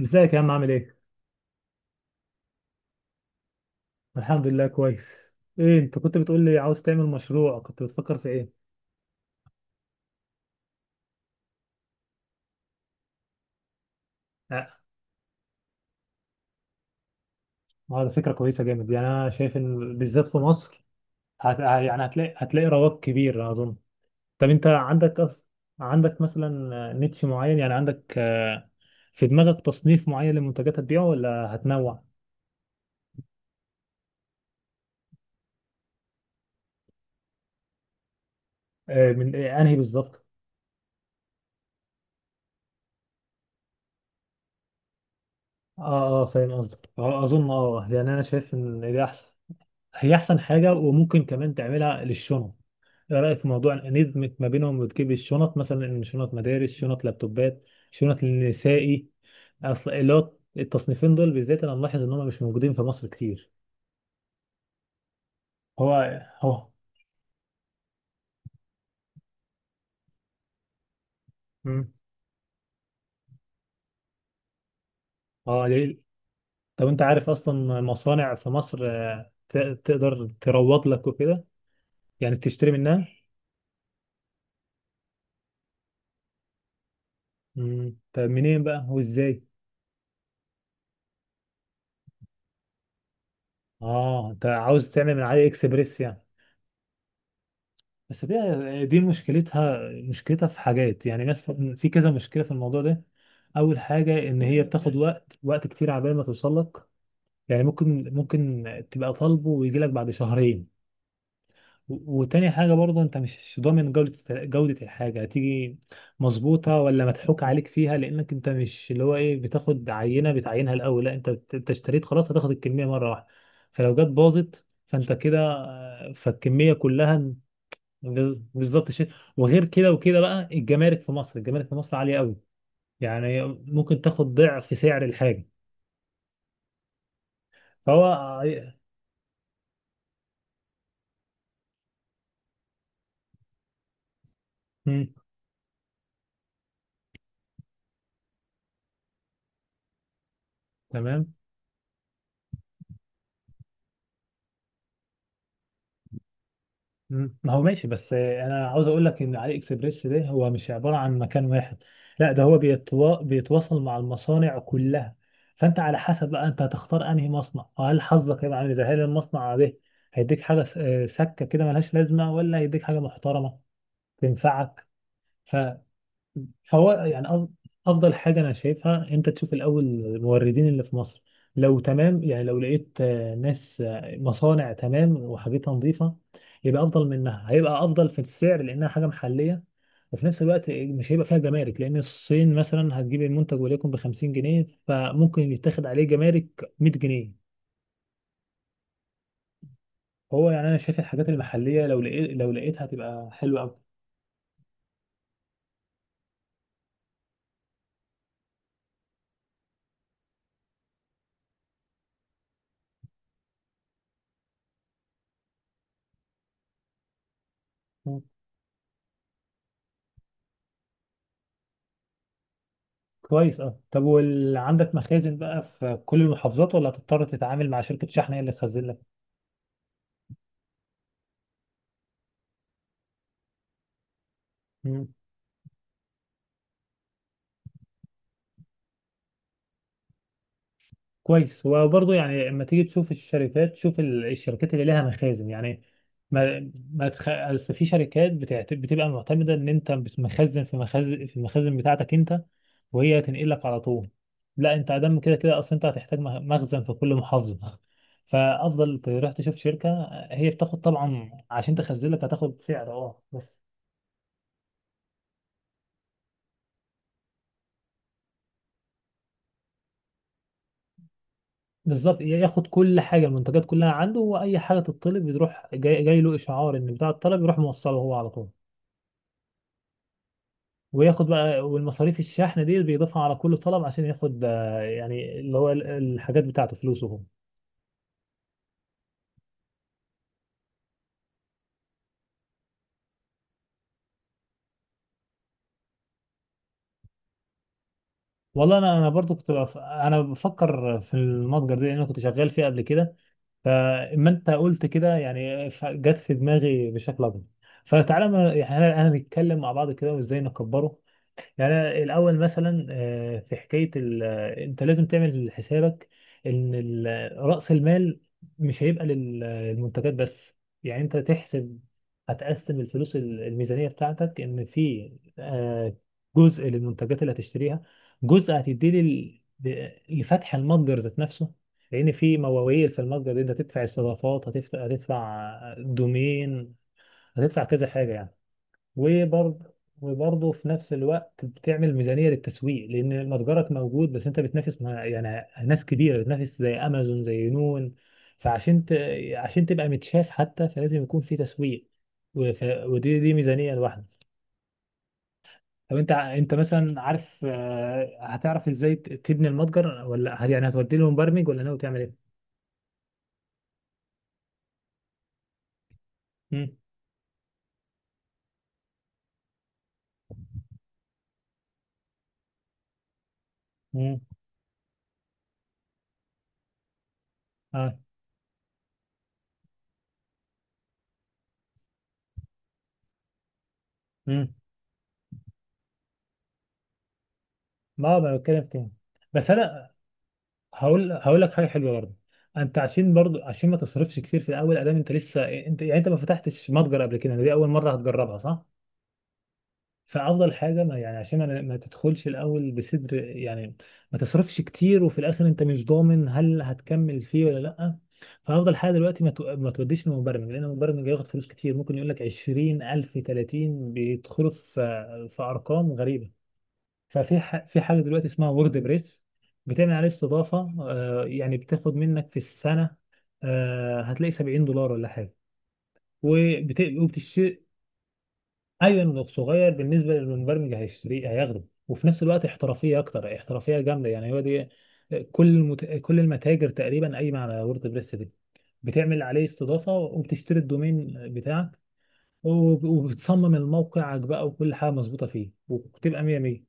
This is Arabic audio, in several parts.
ازيك يا عم عامل ايه؟ الحمد لله كويس. ايه انت كنت بتقول لي عاوز تعمل مشروع كنت بتفكر في ايه؟ اه. ده فكرة كويسة جامد، يعني انا شايف ان بالذات في مصر يعني هتلاقي رواج كبير اظن. طب انت عندك عندك مثلا نيتش معين، يعني عندك في دماغك تصنيف معين لمنتجات هتبيعه ولا هتنوع؟ من إيه؟ انهي بالظبط؟ اه اه فاهم قصدك، اظن اه يعني انا شايف ان ده احسن، هي احسن حاجه، وممكن كمان تعملها للشنط. ايه رايك في موضوع ندمج ما بينهم وتجيب الشنط، مثلا إن شنط مدارس، شنط لابتوبات، شنط للنسائي. اصل اللي هو التصنيفين دول بالذات انا ملاحظ ان هم مش موجودين في مصر كتير. هو هو. مم. اه ليه. طب انت عارف اصلا مصانع في مصر تقدر تروض لك وكده، يعني تشتري منها. مم. طب منين بقى وازاي؟ اه انت عاوز تعمل من علي اكسبريس يعني. بس دي مشكلتها في حاجات، يعني مثلا في كذا مشكلة في الموضوع ده. أول حاجة إن هي بتاخد وقت كتير عبال ما توصل لك، يعني ممكن تبقى طالبه ويجي لك بعد شهرين. وتاني حاجة برضه أنت مش ضامن جودة الحاجة، هتيجي مظبوطة ولا مضحوك عليك فيها، لأنك أنت مش اللي هو إيه بتاخد عينة بتعينها الأول، لا أنت أنت اشتريت خلاص، هتاخد الكمية مرة واحدة، فلو جت باظت فأنت كده فالكمية كلها. بالظبط شيء. وغير كده وكده بقى الجمارك في مصر عالية قوي، يعني ممكن تاخد ضعف سعر الحاجة. فهو. مم. تمام. مم. ما هو ماشي، بس انا عاوز اقول لك ان علي اكسبريس ده هو مش عبارة عن مكان واحد، لا ده هو بيتواصل مع المصانع كلها، فانت على حسب بقى انت هتختار انهي مصنع، وهل حظك هيبقى عامل ازاي، هل المصنع ده هيديك حاجة سكة كده ملهاش لازمة، ولا هيديك حاجة محترمة تنفعك. هو يعني افضل حاجه انا شايفها انت تشوف الاول الموردين اللي في مصر، لو تمام، يعني لو لقيت ناس مصانع تمام وحاجتها نظيفه، يبقى افضل منها، هيبقى افضل في السعر لانها حاجه محليه، وفي نفس الوقت مش هيبقى فيها جمارك، لان الصين مثلا هتجيب المنتج وليكن ب 50 جنيه، فممكن يتاخد عليه جمارك 100 جنيه. هو يعني انا شايف الحاجات المحليه لو لقيت لو لقيتها هتبقى حلوه قوي. كويس. اه طب عندك مخازن بقى في كل المحافظات ولا هتضطر تتعامل مع شركة شحن هي اللي تخزن لك؟ مم. كويس، وبرضه يعني لما تيجي تشوف الشركات شوف الشركات اللي لها مخازن، يعني ما ما تخ... أصل في شركات بتبقى معتمدة ان انت مخزن في المخازن بتاعتك انت، وهي هتنقل لك على طول. لا انت ادم كده كده اصلا، انت هتحتاج مخزن في كل محافظة فافضل تروح تشوف شركة، هي بتاخد طبعا عشان تخزن لك، هتاخد سعر اه بس. بالظبط، ياخد كل حاجه، المنتجات كلها عنده، واي حاجه تطلب يروح جاي له اشعار ان بتاع الطلب، يروح موصله هو على طول، وياخد بقى، والمصاريف الشحن دي بيضيفها على كل طلب عشان ياخد يعني اللي هو الحاجات بتاعته فلوسه هو. والله انا برضو كنت انا بفكر في المتجر ده، لان انا كنت شغال فيه قبل كده، فاما انت قلت كده يعني جت في دماغي بشكل اكبر. فتعالى يعني انا نتكلم مع بعض كده وازاي نكبره. يعني أنا الأول مثلا آه، في حكاية ال... آه، أنت لازم تعمل حسابك إن رأس المال مش هيبقى للمنتجات بس، يعني أنت تحسب هتقسم الفلوس الميزانية بتاعتك إن في آه، جزء للمنتجات اللي هتشتريها، جزء هتديه لفتح المتجر ذات نفسه، لأن في مواويل في المتجر دي أنت هتدفع استضافات، هتدفع دومين، هتدفع كذا حاجة يعني. وبرضه وبرضه في نفس الوقت بتعمل ميزانية للتسويق، لأن متجرك موجود بس أنت بتنافس مع يعني ناس كبيرة، بتنافس زي أمازون زي نون، فعشان عشان تبقى متشاف حتى، فلازم يكون في تسويق، ودي ميزانية لوحدها. طب أنت أنت مثلا عارف هتعرف إزاي تبني المتجر، ولا هل يعني هتودي له مبرمج، ولا ناوي تعمل إيه؟ مم. مم. آه. مم. ما هو بتكلم في كده، بس أنا هقول لك حاجه حلوه برضه. انت عشان برضه عشان ما تصرفش كتير في الاول، ادام انت لسه إيه، انت يعني انت ما فتحتش متجر قبل كده، دي اول مره هتجربها صح. فافضل حاجه ما يعني عشان ما تدخلش الاول بصدر يعني، ما تصرفش كتير، وفي الاخر انت مش ضامن هل هتكمل فيه ولا لا. فافضل حاجه دلوقتي ما توديش لمبرمج، لان المبرمج هياخد فلوس كتير، ممكن يقول لك 20,000، 30، بيدخلوا في ارقام غريبه. في حاجه دلوقتي اسمها وورد بريس، بتعمل عليه استضافه، يعني بتاخد منك في السنه، هتلاقي 70 دولار ولا حاجه، وبتشتري. ايون، صغير بالنسبه للمبرمج هيشتري، هياخده وفي نفس الوقت احترافيه اكتر، احترافيه جامده يعني، هو دي كل المتاجر تقريبا قايمه على وورد بريس دي، بتعمل عليه استضافه وبتشتري الدومين بتاعك، وبتصمم الموقعك بقى وكل حاجه مظبوطه فيه، وبتبقى 100 100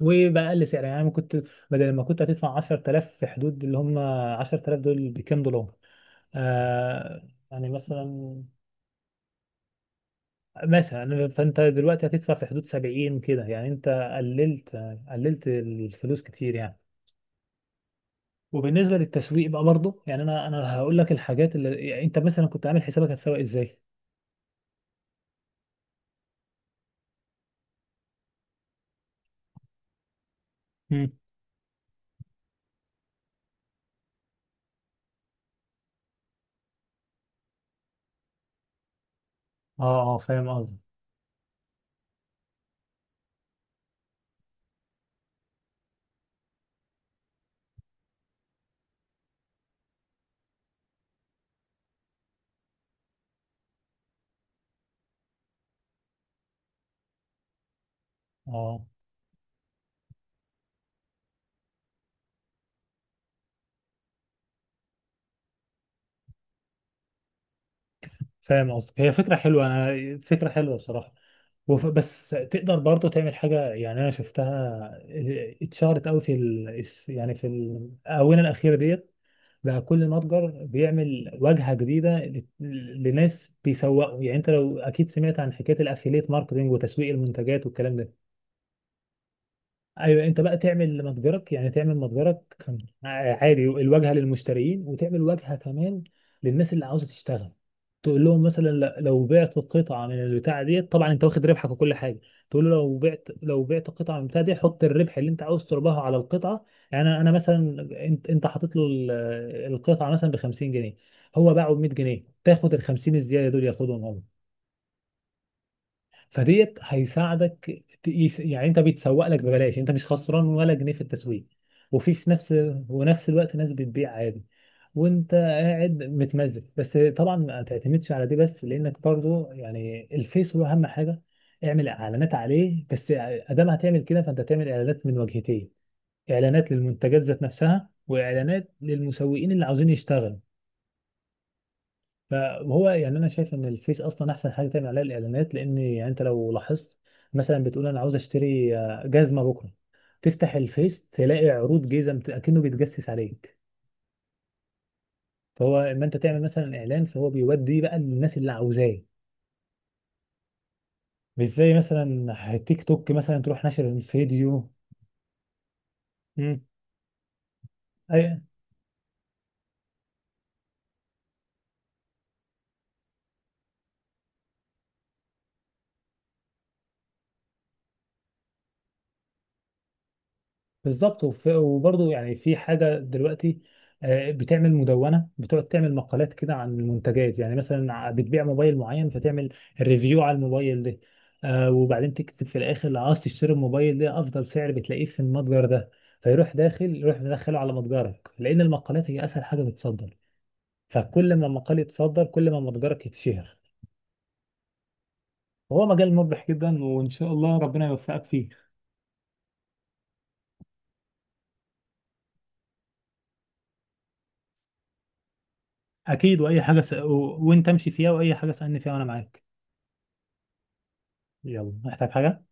وبأقل سعر يعني، انا كنت بدل ما كنت هتدفع 10,000، في حدود اللي هم 10,000 دول بكام دولار يعني مثلا، فانت دلوقتي هتدفع في حدود 70 كده، يعني انت قللت الفلوس كتير يعني. وبالنسبه للتسويق بقى برضه، يعني انا هقول لك الحاجات اللي يعني انت مثلا كنت عامل حسابك هتسوق ازاي. مم. اه اه فاهم قصدي. اه فاهم قصدك، هي فكرة حلوة، أنا فكرة حلوة بصراحة، بس تقدر برضو تعمل حاجة، يعني أنا شفتها اتشهرت أوي في يعني في الآونة الأخيرة ديت، بقى كل متجر بيعمل واجهة جديدة لناس بيسوقوا، يعني أنت لو أكيد سمعت عن حكاية الأفيليت ماركتينج وتسويق المنتجات والكلام ده. ايوه انت بقى تعمل متجرك، يعني تعمل متجرك كان عادي الواجهه للمشترين، وتعمل واجهه كمان للناس اللي عاوزه تشتغل، تقول لهم مثلا لو بعت قطعه من البتاعه ديت، طبعا انت واخد ربحك وكل حاجه، تقول له لو بعت قطعه من البتاعه دي حط الربح اللي انت عاوز تربحه على القطعه، يعني انا مثلا، انت حاطط له القطعه مثلا ب 50 جنيه، هو باعه ب 100 جنيه، تاخد ال 50 الزياده دول ياخدهم هو. فديت هيساعدك يعني انت بيتسوق لك ببلاش، انت مش خسران ولا جنيه في التسويق، وفي في نفس ونفس الوقت ناس بتبيع عادي، وانت قاعد متمزج، بس طبعا ما تعتمدش على دي بس، لانك برضو يعني الفيس هو اهم حاجه، اعمل اعلانات عليه، بس ادام هتعمل كده فانت تعمل اعلانات من وجهتين، اعلانات للمنتجات ذات نفسها، واعلانات للمسوقين اللي عاوزين يشتغلوا. فهو يعني انا شايف ان الفيس اصلا احسن حاجه تعمل عليها الاعلانات، لان يعني انت لو لاحظت مثلا بتقول انا عاوز اشتري جزمه بكره، تفتح الفيس تلاقي عروض جزم اكنه بيتجسس عليك، فهو اما انت تعمل مثلا اعلان فهو بيودي بقى للناس اللي عاوزاه، مش زي مثلا تيك توك مثلا تروح ناشر الفيديو. مم. بالظبط. وبرضه يعني في حاجة دلوقتي، بتعمل مدونة، بتقعد تعمل مقالات كده عن المنتجات، يعني مثلا بتبيع موبايل معين فتعمل ريفيو على الموبايل ده، وبعدين تكتب في الآخر لو عاوز تشتري الموبايل ده أفضل سعر بتلاقيه في المتجر ده، فيروح داخل، يروح مدخله على متجرك، لأن المقالات هي أسهل حاجة بتصدر، فكل ما مقال يتصدر كل ما متجرك يتشهر، وهو مجال مربح جدا، وإن شاء الله ربنا يوفقك فيه. أكيد، وأي حاجة وأنت امشي فيها، وأي حاجة سألني فيها وأنا معاك. يلا محتاج حاجة؟